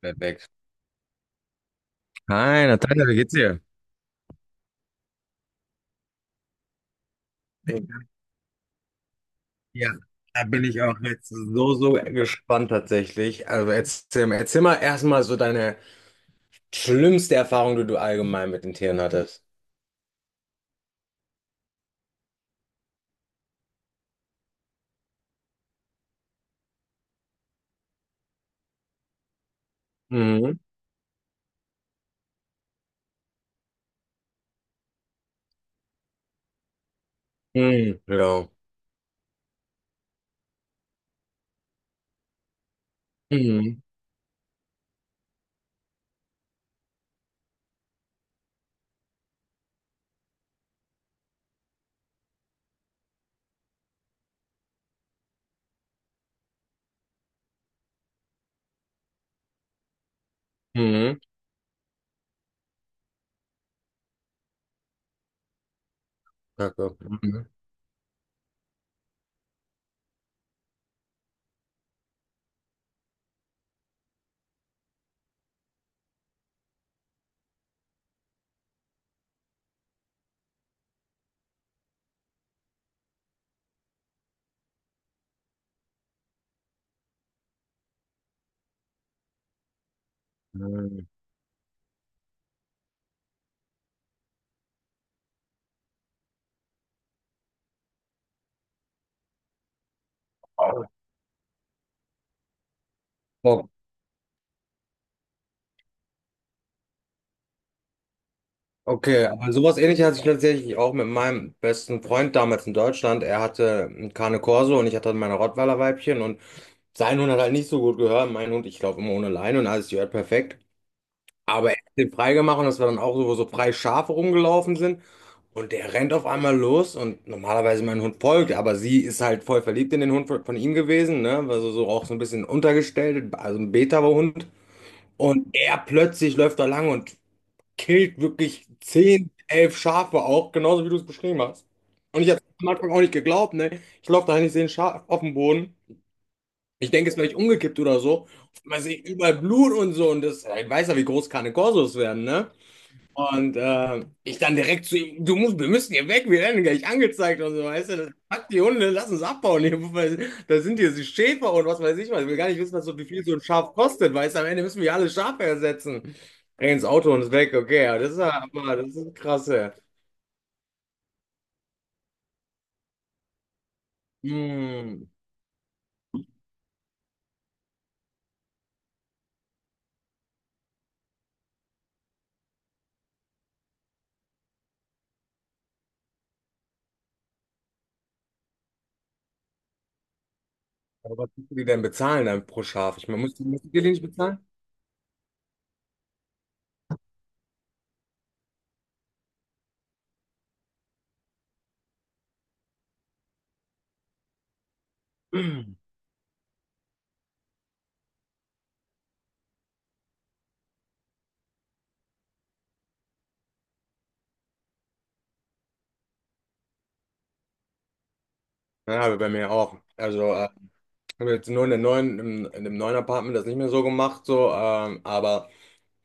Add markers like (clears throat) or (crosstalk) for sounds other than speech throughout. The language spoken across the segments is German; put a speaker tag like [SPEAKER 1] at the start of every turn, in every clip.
[SPEAKER 1] Perfekt. Hi, Natalia, wie geht's dir? Ja, da bin ich auch jetzt so, so gespannt tatsächlich. Also erzähl mal erstmal so deine schlimmste Erfahrung, die du allgemein mit den Tieren hattest. Mhm. Mhm. Ja. Mhm. Mhm. Kacke. Mhm. Mhm. Oh, okay, aber sowas ähnliches hatte ich tatsächlich auch mit meinem besten Freund damals in Deutschland. Er hatte einen Cane Corso und ich hatte meine Rottweiler-Weibchen und sein Hund hat halt nicht so gut gehört. Mein Hund, ich laufe immer ohne Leine und alles gehört perfekt. Aber er hat den freigemacht und dass wir dann auch so, wo so freie Schafe rumgelaufen sind. Und der rennt auf einmal los und normalerweise mein Hund folgt, aber sie ist halt voll verliebt in den Hund von ihm gewesen, ne? Also so auch so ein bisschen untergestellt, also ein Beta-Hund. Und er plötzlich läuft da lang und killt wirklich 10 11 Schafe auch, genauso wie du es beschrieben hast. Und ich habe am Anfang auch nicht geglaubt, ne? Ich laufe da hin, ich sehe ein Schaf auf dem Boden. Ich denke, es ist vielleicht umgekippt oder so. Man sieht überall Blut und so und das, ja, ich weiß ja, wie groß keine Korsos werden, ne? Und ich dann direkt zu ihm, du musst, wir müssen hier weg, wir werden gleich angezeigt und so, weißt du, das packt die Hunde, lass uns abbauen hier, weil da sind hier die Schäfer und was weiß ich was, ich will gar nicht wissen, was so, wie viel so ein Schaf kostet, weißt du, am Ende müssen wir alle Schafe ersetzen. Renn ins Auto und ist weg, okay, ja, das ist ja, aber, das ist krass, ja. Hm. Aber was musst du die denn bezahlen dann pro Schaf? Ich meine, musst du die nicht bezahlen? (clears throat) Ja, aber bei mir auch. Also, haben jetzt nur in der neuen, in dem neuen Apartment das nicht mehr so gemacht, so, aber.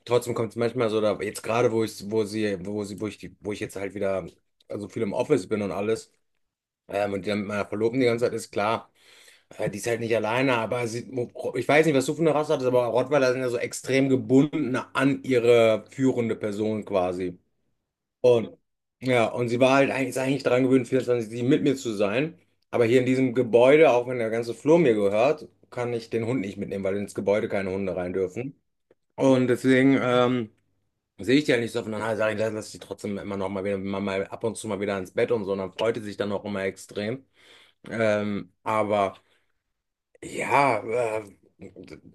[SPEAKER 1] Trotzdem kommt es manchmal so, da, jetzt gerade, wo ich, wo sie, wo ich die, wo ich jetzt halt wieder so viel im Office bin und alles, und die dann mit meiner Verlobten die ganze Zeit ist, klar, die ist halt nicht alleine, aber sie, ich weiß nicht, was du für eine Rasse hattest, aber Rottweiler sind ja so extrem gebunden an ihre führende Person quasi. Und ja, und sie war halt eigentlich, ist eigentlich daran gewöhnt, vierundzwanzig 7 mit mir zu sein. Aber hier in diesem Gebäude, auch wenn der ganze Flur mir gehört, kann ich den Hund nicht mitnehmen, weil ins Gebäude keine Hunde rein dürfen. Und deswegen, sehe ich die halt nicht so oft. Und dann sage ich, lass die trotzdem immer noch mal wieder, mal ab und zu mal wieder ins Bett und so. Und dann freut die sich dann auch immer extrem. Aber ja, äh,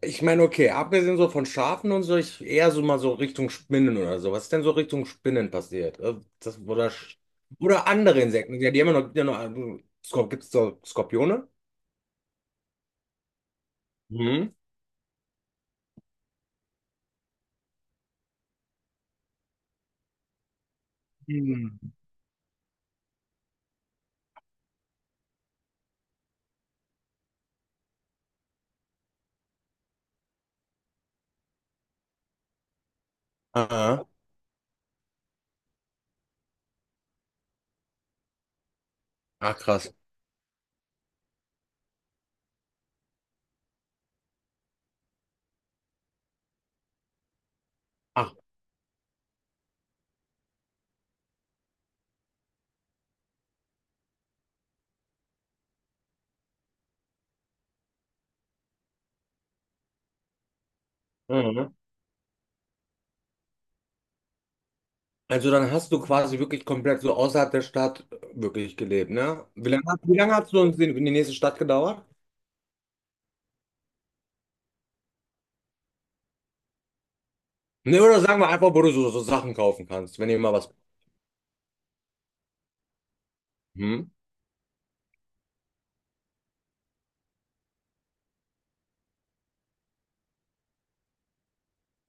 [SPEAKER 1] ich meine, okay, abgesehen so von Schafen und so, ich eher so mal so Richtung Spinnen oder so. Was ist denn so Richtung Spinnen passiert? Das, oder, oder andere Insekten. Ja, die haben ja noch, die haben noch Skor, gibt's so Skorpione? Mhm. Hm. Ah, ah. Ach, krass. Ach. Mhm. Also dann hast du quasi wirklich komplett so außerhalb der Stadt wirklich gelebt, ne? Wie lange hast du uns in die nächste Stadt gedauert? Ne, oder sagen wir einfach, wo du so, so Sachen kaufen kannst, wenn ihr mal was. Hm?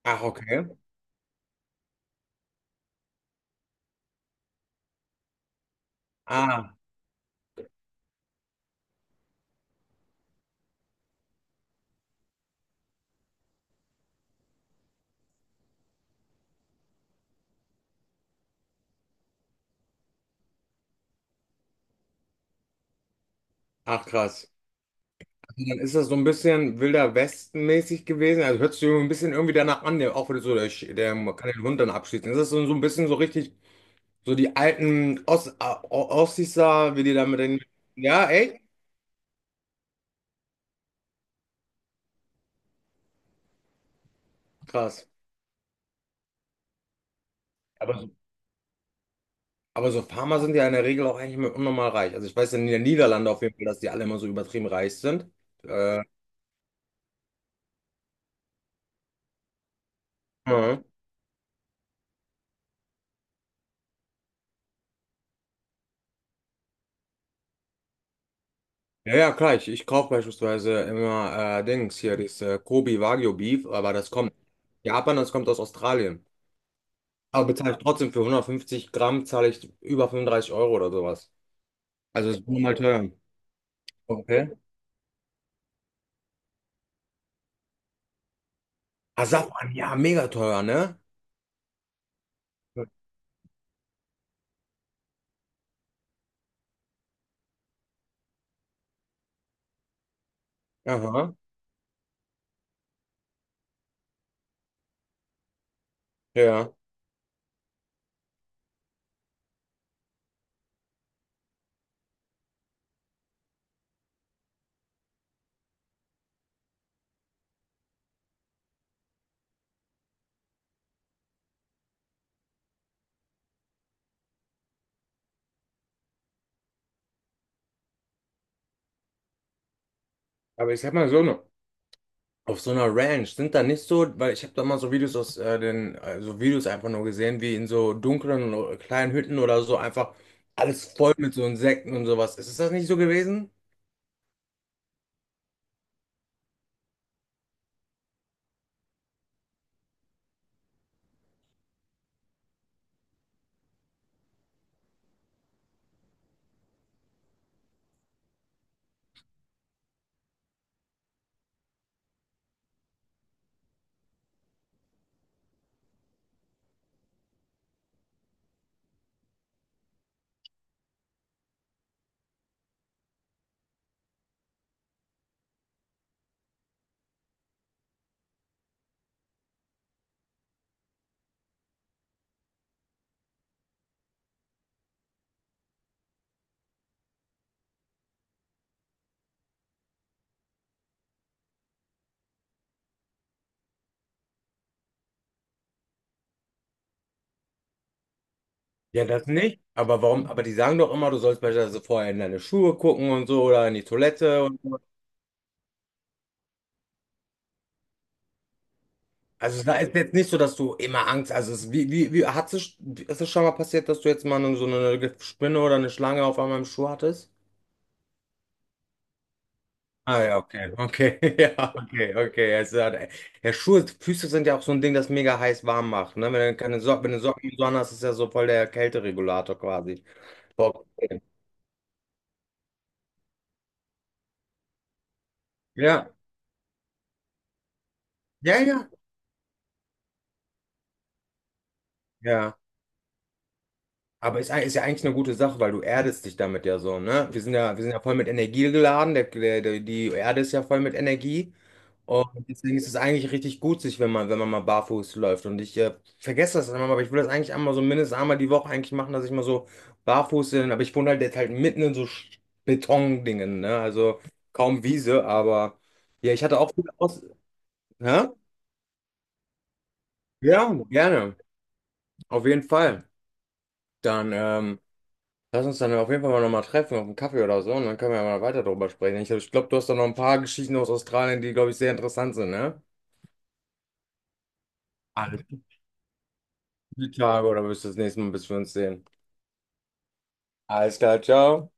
[SPEAKER 1] Ach, okay. Ah, ach krass. Also dann ist das so ein bisschen Wilder Westen-mäßig gewesen. Also hört sich so ein bisschen irgendwie danach an, der, auch wenn du so, der kann den Hund dann abschießen. Ist das so, so ein bisschen so richtig, so die alten Ossis da, wie die da mit den. Ja, echt? Krass. Aber Aber so Farmer sind ja in der Regel auch eigentlich immer unnormal reich. Also ich weiß in den Niederlanden auf jeden Fall, dass die alle immer so übertrieben reich sind. Äh, ja, ja, ja, klar, ich kaufe beispielsweise immer Dings hier, dieses Kobe Wagyu Beef, aber das kommt aus Japan, das kommt aus Australien. Aber bezahle ich trotzdem für 150 Gramm, zahle ich über 35 € oder sowas. Also ist nur mal teuer. Okay. Ah Asafran, ja, mega teuer, ne? Aha, ja. Aber ich sag mal so, auf so einer Ranch sind da nicht so, weil ich habe da mal so Videos aus so Videos einfach nur gesehen, wie in so dunklen kleinen Hütten oder so einfach alles voll mit so Insekten und sowas. Ist das nicht so gewesen? Ja, das nicht. Aber warum? Aber die sagen doch immer, du sollst beispielsweise vorher in deine Schuhe gucken und so oder in die Toilette und so. Also da ist jetzt nicht so, dass du immer Angst. Also es, wie hat es, ist es schon mal passiert, dass du jetzt mal so eine Spinne oder eine Schlange auf einmal im Schuh hattest? Ah ja, okay, okay, (laughs) ja, okay, okay. Also, ja, Schuhe, Füße sind ja auch so ein Ding, das mega heiß warm macht, ne? Wenn du keine Socken, wenn du Socken und so an hast, ist ja so voll der Kälteregulator quasi. Boah. Ja, ja, ja, ja. Aber ist, ist ja eigentlich eine gute Sache, weil du erdest dich damit ja so, ne? Wir sind ja voll mit Energie geladen, die Erde ist ja voll mit Energie. Und deswegen ist es eigentlich richtig gut, sich, wenn man mal barfuß läuft. Und ich vergesse das immer, aber ich will das eigentlich einmal so mindestens einmal die Woche eigentlich machen, dass ich mal so barfuß bin. Aber ich wohne halt jetzt halt mitten in so Betondingen, ne? Also kaum Wiese, aber ja, ich hatte auch viel aus. Hä? Ja, gerne. Auf jeden Fall. Dann, lass uns dann auf jeden Fall mal nochmal treffen auf einen Kaffee oder so und dann können wir ja mal weiter darüber sprechen. Ich glaube, du hast da noch ein paar Geschichten aus Australien, die, glaube ich, sehr interessant sind, ne? Alles, die Tage oder wirst du das nächste Mal, bis wir uns sehen. Alles klar, ciao.